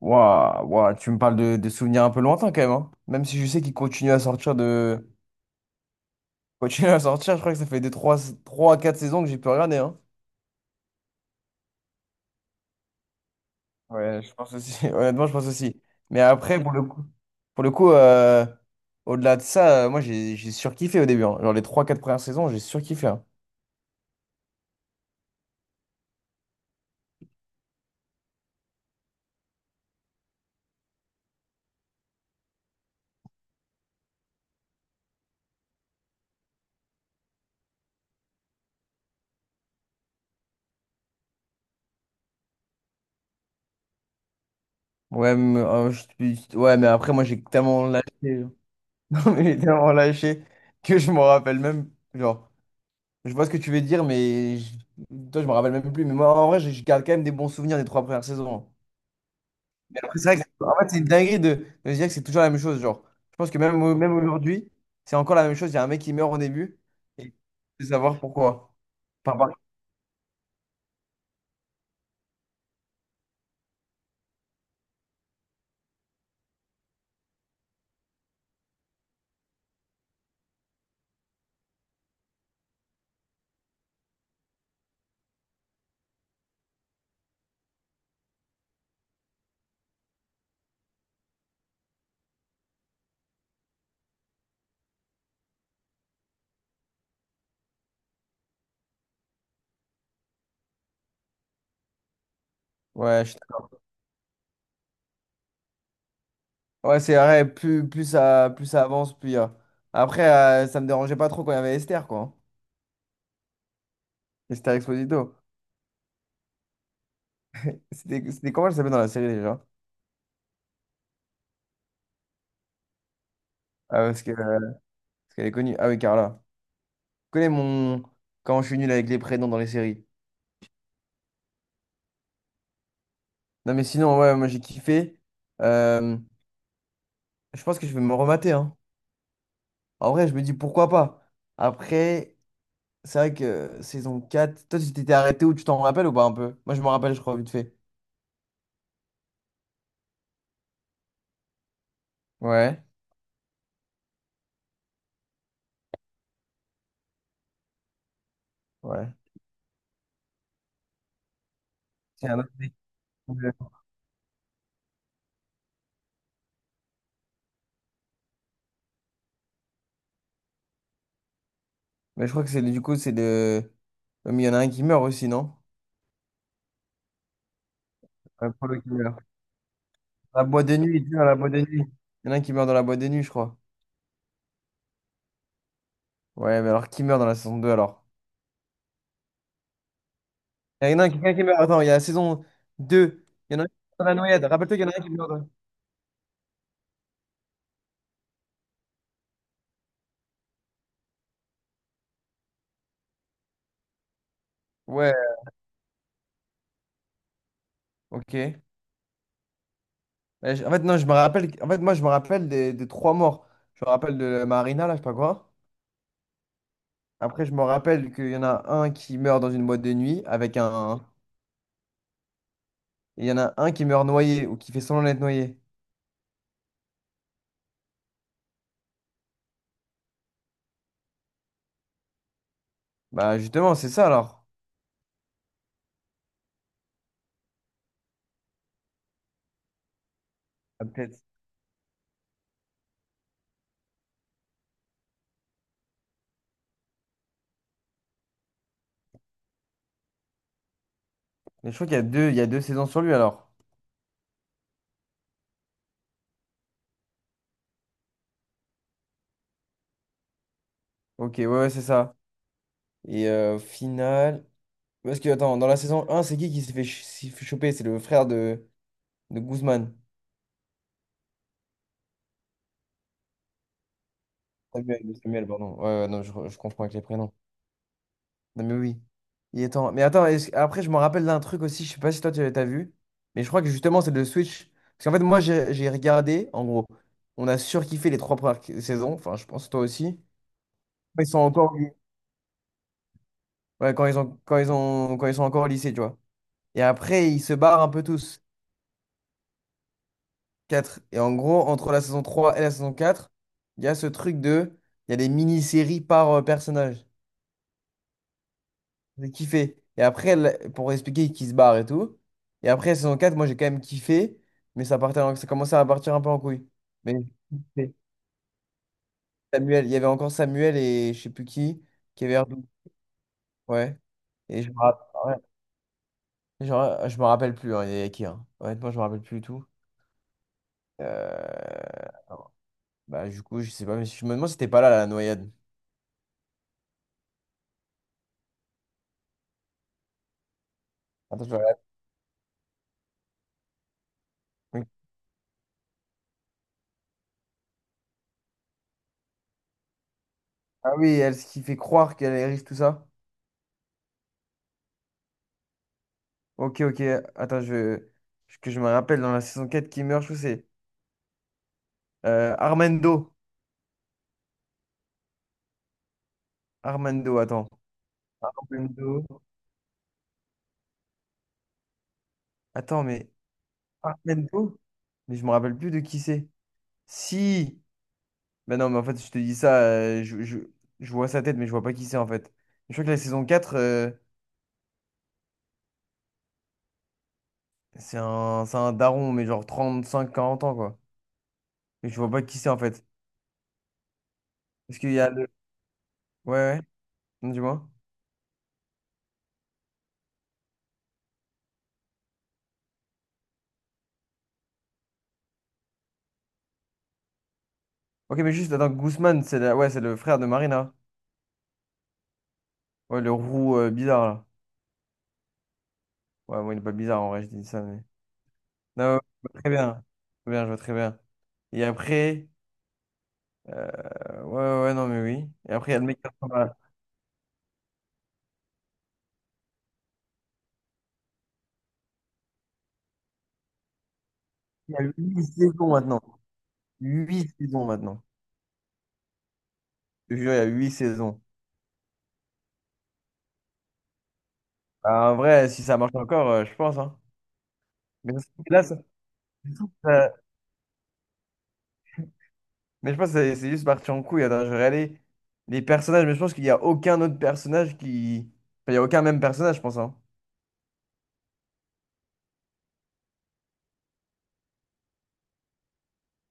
Ouah, ouah, tu me parles de souvenirs un peu lointains quand même, hein. Même si je sais qu'il continue à sortir de... Continue à sortir, je crois que ça fait des trois, trois à 4 saisons que j'ai pu regarder, hein. Ouais, je pense aussi. Honnêtement, je pense aussi. Mais après, pour le coup, au-delà de ça, moi j'ai surkiffé au début, hein. Genre les trois quatre premières saisons, j'ai surkiffé, hein. Ouais, mais, ouais, mais après, moi j'ai tellement lâché. Non, mais j'ai tellement lâché que je m'en rappelle même. Genre. Je vois ce que tu veux dire, mais je... toi, je me rappelle même plus. Mais moi, en vrai, je garde quand même des bons souvenirs des trois premières saisons. Mais après, c'est vrai que en fait, c'est une dinguerie de se dire que c'est toujours la même chose. Genre, je pense que même, même aujourd'hui, c'est encore la même chose. Il y a un mec qui meurt au début et tu veux savoir pourquoi. Enfin, par- Ouais, je suis d'accord. Ouais, c'est vrai. Plus ça avance, plus il y a- Après, ça me dérangeait pas trop quand il y avait Esther, quoi, hein. Esther Exposito. C'était comment elle s'appelait dans la série déjà? Ah, parce que, parce qu'elle est connue. Ah oui, Carla. Connais mon... Quand je suis nul avec les prénoms dans les séries. Non, mais sinon, ouais, moi j'ai kiffé. Euh, je pense que je vais me remater, hein. En vrai, je me dis pourquoi pas. Après, c'est vrai que saison 4 toi tu t'étais arrêté où tu t'en rappelles ou pas un peu? Moi je me rappelle, je crois, vite fait. Ouais, ouais. C'est un autre mec. Mais je crois que c'est du coup, c'est de. Mais il y en a un qui meurt aussi, non? Ouais, Polo qui meurt. La boîte de nuit, il tue dans la boîte de nuit. Il y en a un qui meurt dans la boîte de nuit, je crois. Ouais, mais alors qui meurt dans la saison 2 alors? Il y en a un- Quelqu'un qui meurt. Attends, il y a la saison deux. Il y en a un qui meurt dans la noyade. Rappelle-toi qu'il y en a un qui meurt dans... Ouais, ok. Ouais, en fait, non, je me rappelle. En fait, moi, je me rappelle des trois morts. Je me rappelle de Marina, là, je sais pas quoi. Après, je me rappelle qu'il y en a un qui meurt dans une boîte de nuit avec un. Et il y en a un qui meurt noyé ou qui fait semblant d'être noyé. Bah, justement, c'est ça alors. Ah, peut-être. Mais je crois qu'il y a deux, il y a deux saisons sur lui alors. Ok, ouais, ouais, c'est ça. Et au final. Parce que, attends, dans la saison un c'est qui s'est fait choper? C'est le frère de. De Guzman. Samuel, de Samuel, pardon. Ouais, ouais, non, je confonds avec les prénoms. Non, mais oui. Il est temps. Mais attends, après, je me rappelle d'un truc aussi, je sais pas si toi, tu as vu, mais je crois que justement, c'est le Switch. Parce qu'en fait, moi, j'ai regardé, en gros, on a surkiffé les trois premières saisons, enfin, je pense toi aussi. Ils sont encore... ouais, quand ils sont encore au lycée, tu vois. Et après, ils se barrent un peu tous. Quatre, et en gros, entre la saison 3 et la saison 4, il y a ce truc de... Il y a des mini-séries par personnage. J'ai kiffé. Et après, pour expliquer qu'il se barre et tout. Et après, saison 4 moi, j'ai quand même kiffé. Mais ça partait, ça commençait à partir un peu en couille. Mais j'ai kiffé. Samuel, il y avait encore Samuel et je sais plus qui avait Erdogan. Ouais. Et je me rappelle, genre, je me rappelle plus, hein, il y avait qui, hein. Honnêtement, je me rappelle plus du tout. Euh, Bah, du coup, je sais pas, mais je me demande si t'es pas la noyade. Attends, je vais regarder. Ah oui, elle, ce qui fait croire qu'elle est riche, tout ça. Ok, ok. Attends, je... que je me rappelle dans la saison 4 qui meurt, je trouve, c'est. Armando. Armando, attends. Armando. Attends, mais Armando? Mais je me rappelle plus de qui c'est. Si! Ben non, mais en fait, je te dis ça, je... je vois sa tête, mais je vois pas qui c'est en fait. Je crois que la saison 4, c'est un daron, mais genre trente, cinq, quarante ans, quoi. Mais je vois pas qui c'est en fait. Parce qu'il y a le. Ouais, ouais, dis-moi. Ok, mais juste, attends, Guzman, ouais, c'est le frère de Marina. Ouais, le roux bizarre, là. Ouais, moi, il est pas bizarre en vrai, je dis ça. Non, ouais, je vois très bien. Très bien, je vois très bien. Et après, ouais, ouais, ouais, non, mais oui. Et après, il y a le mec qui ressemble à... Il y a huit saisons maintenant. Huit saisons maintenant. Je te jure, il y a huit saisons. Ah, en vrai, si ça marche encore, je pense, hein. Mais ça- mais je pense que c'est juste parti en couille. Attends, je regardais les personnages, mais je pense qu'il n'y a aucun autre personnage qui. Enfin, il n'y a aucun même personnage, je pense, hein.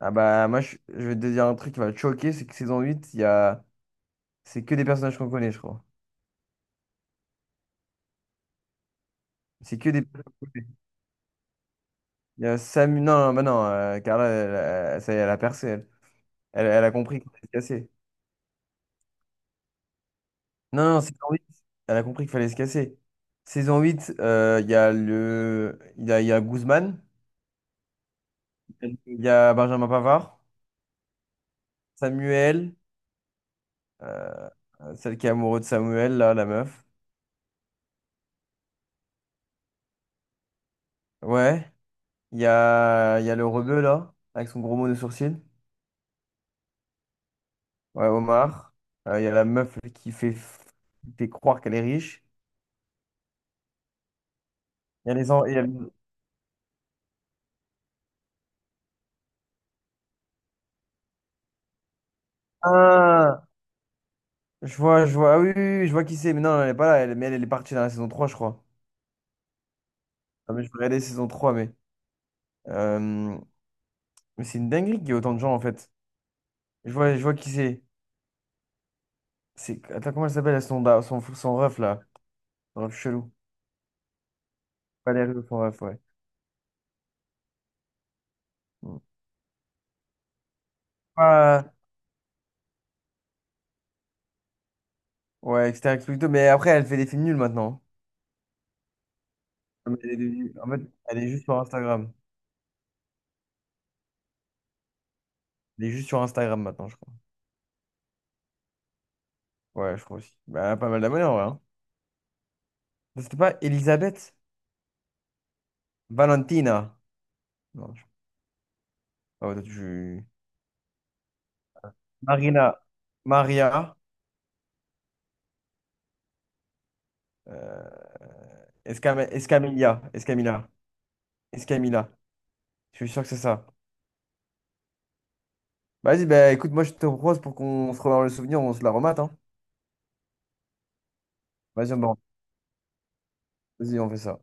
Ah bah, moi, je vais te dire un truc qui va te choquer, c'est que saison 8 il y a... c'est que des personnages qu'on connaît, je crois. C'est que des. Il y a Samu. Non, non, bah non, Carla, elle, ça y est, elle a percé. Elle, elle a compris qu'il fallait se casser. Non, non, saison 8 elle a compris qu'il fallait se casser. Saison 8 il y a Guzman, il y a Benjamin Pavard, Samuel, euh, celle qui est amoureuse de Samuel, là, la meuf. Ouais, il y a le rebeu, là, avec son gros mot de sourcil. Ouais, Omar. Il y a la meuf qui fait croire qu'elle est riche. Il y a les, en- il y a- Ah, je vois, je vois, ah oui, oui, oui, je vois qui c'est, mais non, elle est pas là, elle, mais elle, elle est partie dans la saison trois je crois. Ah, mais je vais regarder saison 3 mais. Euh, mais c'est une dinguerie qu'il y ait autant de gens, en fait. Je vois qui c'est. C'est, attends, comment elle s'appelle, son ref, là? Son ref chelou. Valérie, son ref, ouais. Mm. Ah, ouais, etc. Explito, mais après, elle fait des films nuls maintenant. Ah, mais elle est devenue... En fait, elle est juste sur Instagram. Elle est juste sur Instagram maintenant, je crois. Ouais, je crois aussi. Bah, elle a pas mal d'abonnés, en vrai, hein. C'était pas Elisabeth Valentina. Non, je... ah ouais, toi, tu... Marina, Maria, euh, Escamilla, Escamilla, Escamilla. Je suis sûr que c'est ça. Vas-y, bah écoute, moi je te propose pour qu'on se remémore le souvenir, on se la remate, hein. Vas-y, vas-y, on fait ça.